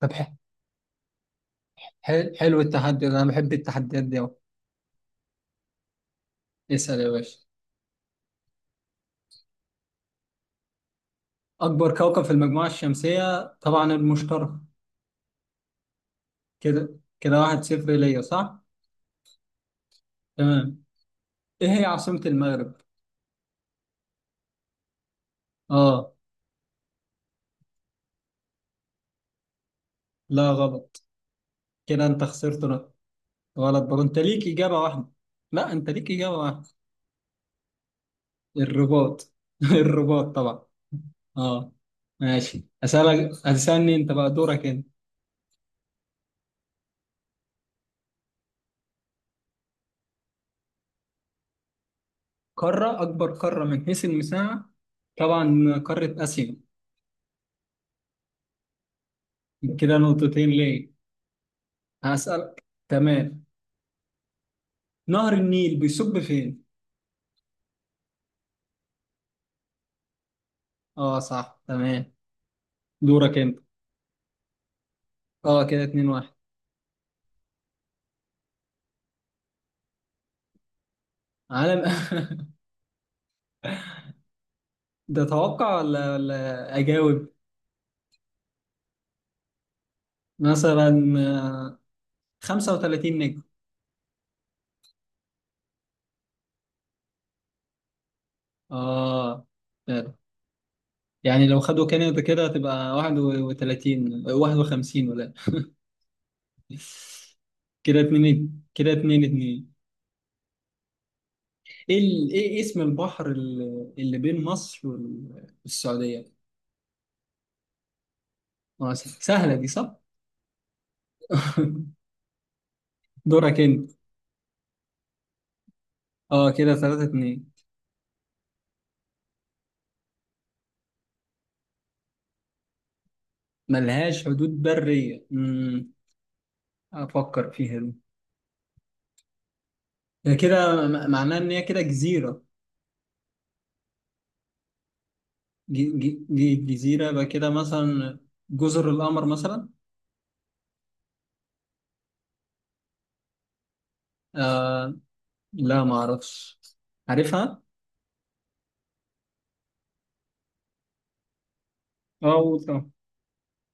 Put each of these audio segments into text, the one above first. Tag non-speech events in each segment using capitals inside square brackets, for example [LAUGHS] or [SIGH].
طب حلو التحدي ده انا بحب التحديات دي أوي. اسأل يا باشا. اكبر كوكب في المجموعة الشمسية طبعا المشترك. كده واحد صفر ليا، صح؟ تمام. ايه هي عاصمة المغرب؟ اه لا غلط. كده انت خسرت نقطة. غلط برضه، انت ليك اجابة واحدة. لا انت ليك اجابة واحدة. الرباط [LAUGHS] الرباط طبعا. اه ماشي، اسألك هتسألني انت بقى، دورك انت. قارة، اكبر قارة من حيث المساحة طبعا قارة اسيا. كده نقطتين ليا. هسألك. تمام. نهر النيل بيصب فين؟ اه صح تمام. دورك انت. اه كده اتنين واحد. عالم [LAUGHS] ده توقع ولا اجاوب؟ مثلا آه، 35 نجم. اه فعلا. يعني لو خدوا كندا كده هتبقى 31 51 ولا؟ [LAUGHS] كده اتنين كده اتنين اتنين. ايه اسم البحر اللي بين مصر والسعودية؟ سهلة دي، صح؟ [LAUGHS] دورك انت. اه كده ثلاثة اتنين. ملهاش حدود برية، افكر فيها دي. ده كده معناه ان هي كده جزيرة. جزيرة يبقى كده مثلا. جزر القمر مثلا. آه لا ما اعرفش، عارفها. اه قول طبعا.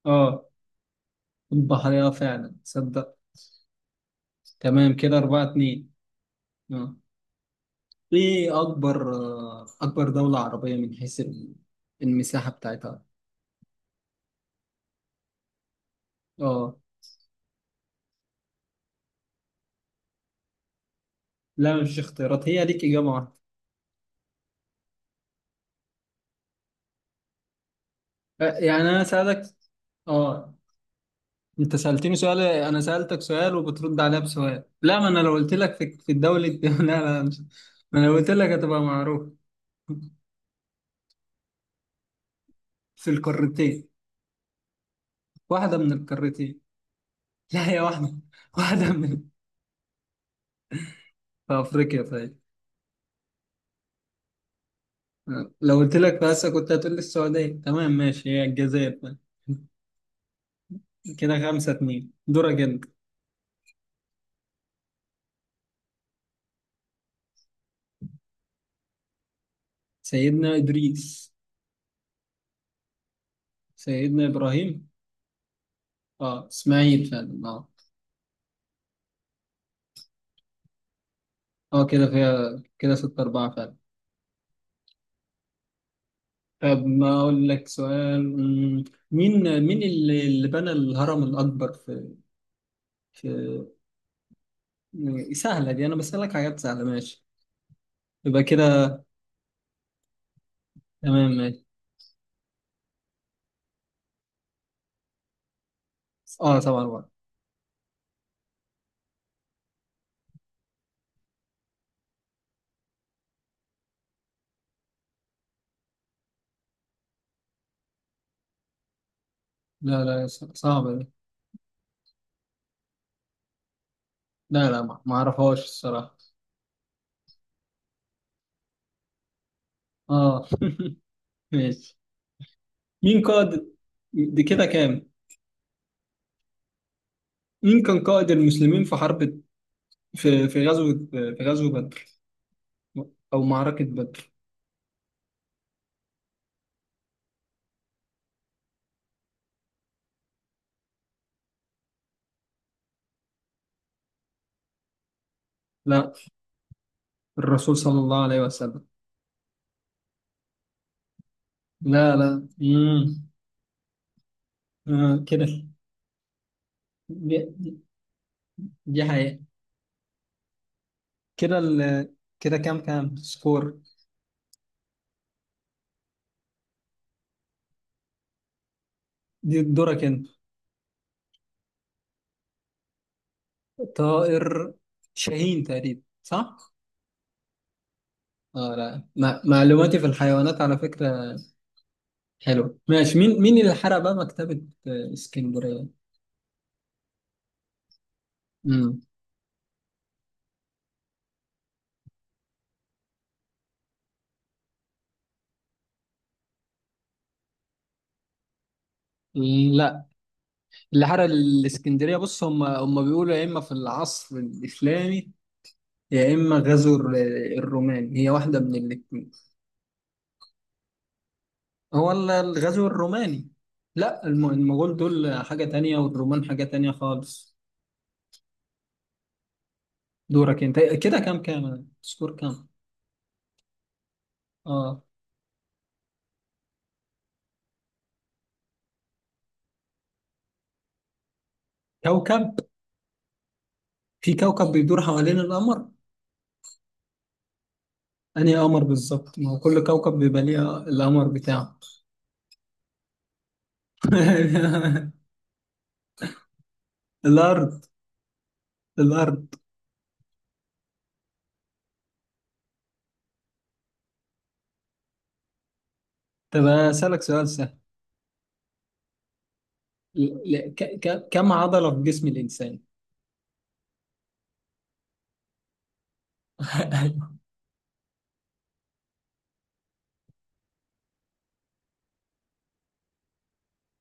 اه البحرية فعلا تصدق. تمام كده أربعة اتنين. اه ايه اكبر اكبر دولة عربية من حيث المساحة بتاعتها؟ اه لا مش اختيارات، هي ليك اجابة واحدة. يعني انا سألك. اه انت سألتني سؤال انا سألتك سؤال وبترد عليها بسؤال. لا ما انا لو قلت لك في, في الدولة [LAUGHS] لا. لا مش ما انا لو قلت لك هتبقى معروف. في القارتين، واحدة من القارتين. لا هي واحدة. واحدة من. في افريقيا طيب. لو قلت لك في اسيا كنت هتقول لي السعودية. تمام ماشي، هي الجزائر طيب. كده خمسة اتنين، دورك انت. سيدنا ادريس. سيدنا ابراهيم. اه اسماعيل فعلا اه. اه كده فيها كده ستة أربعة فعلا. طب ما أقول لك سؤال، مين اللي بنى الهرم الأكبر في في؟ سهلة دي، أنا بسألك حاجات سهلة ماشي يبقى كده. تمام ماشي. أه طبعا بقى. لا لا صعبة دي. لا لا ما أعرفهاش الصراحة. أه ماشي. مين قائد؟ دي كده كام؟ مين كان قائد المسلمين في حرب، في غزوة بدر أو معركة بدر؟ لا، الرسول صلى الله عليه وسلم. لا لا مم. آه كده. دي حقيقة. كده ال... كده كام؟ كام سكور؟ دي دورك انت. طائر شاهين تقريبا صح؟ اه لا ما... معلوماتي في الحيوانات على فكرة حلوة. ماشي. مين اللي حرق بقى مكتبة اسكندرية؟ امم لا اللي حرق الاسكندرية، بص هم بيقولوا يا اما في العصر الإسلامي يا اما غزو الروماني. هي واحدة من الاتنين. هو الغزو الروماني. لا المغول دول حاجة تانية والرومان حاجة تانية خالص. دورك انت. كده كام؟ كام سكور كام؟ اه. كوكب، في كوكب بيدور حوالين القمر؟ انهي قمر بالظبط؟ ما هو كل كوكب بيبقى ليه القمر بتاعه. [LAUGHS] الارض، الارض. طب اسالك سؤال سهل. كم عضلة في جسم الانسان؟ [LAUGHS]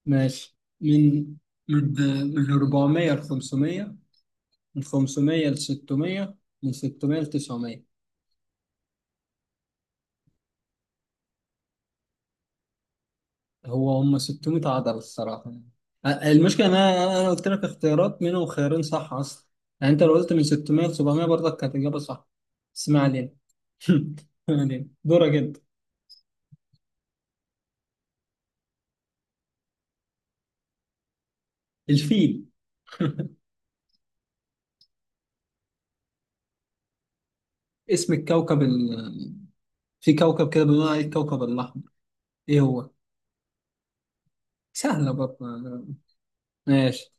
ماشي. من من 400 ل 500، من 500 ل 600، من 600 ل 900. هو هم 600 عضلة الصراحة يعني. المشكلة إن أنا قلت لك اختيارات منهم خيارين صح أصلا. يعني أنت لو قلت من 600 ل 700 برضك كانت إجابة صح. بس ما علينا. [LAUGHS] ما علينا، دورك أنت. الفيل. اسم الكوكب ال...، في كوكب كده بنقول عليه الكوكب الأحمر، إيه هو؟ سهلة برضه. ماشي.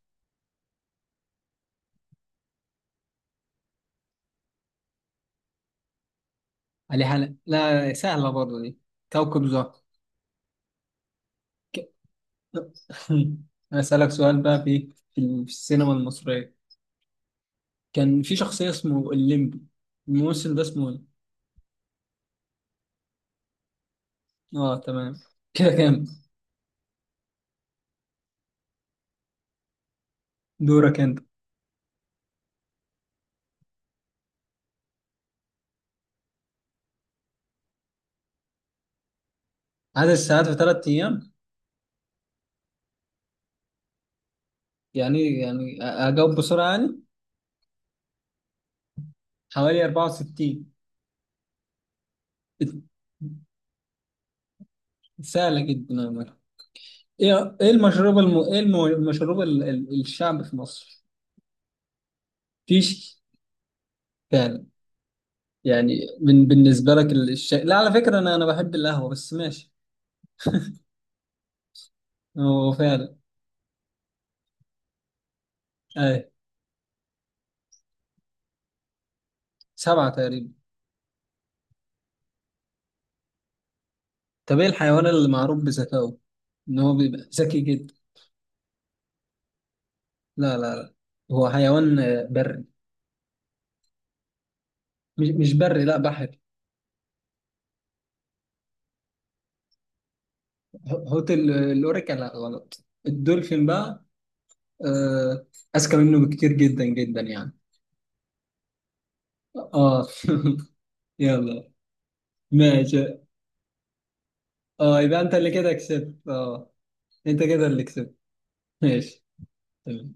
علي حلق، لا سهلة برضه دي. كوكب زهر. ك... [LAUGHS] أسألك سؤال بقى، في السينما المصرية كان في شخصية اسمه الليمبي، الممثل ده اسمه ايه؟ اه تمام. كده كام؟ دورك انت. عدد الساعات في ثلاث ايام؟ يعني اجاوب بسرعة يعني؟ حوالي 64. سهلة جدا يا مرة. ايه المشروب الم...، ايه الم... المشروب ال... ال... الشعب في مصر؟ فيش. فعلا. يعني من... بالنسبة لك الشاي، لا على فكرة انا بحب القهوة بس ماشي. هو فعلا. ايه. سبعة تقريبا. طب ايه الحيوان اللي معروف بذكائه؟ ان هو بيبقى ذكي جدا. لا لا لا. هو حيوان بري. مش بري، لا بحري. حوت الاوريكا، لا غلط، الدولفين بقى. آه، اذكى منه بكتير جدا جدا يعني. اه [LAUGHS] يلا. ماشي. اه يبقى انت اللي كده كسبت. اه انت كده اللي كسبت. ماشي تمام.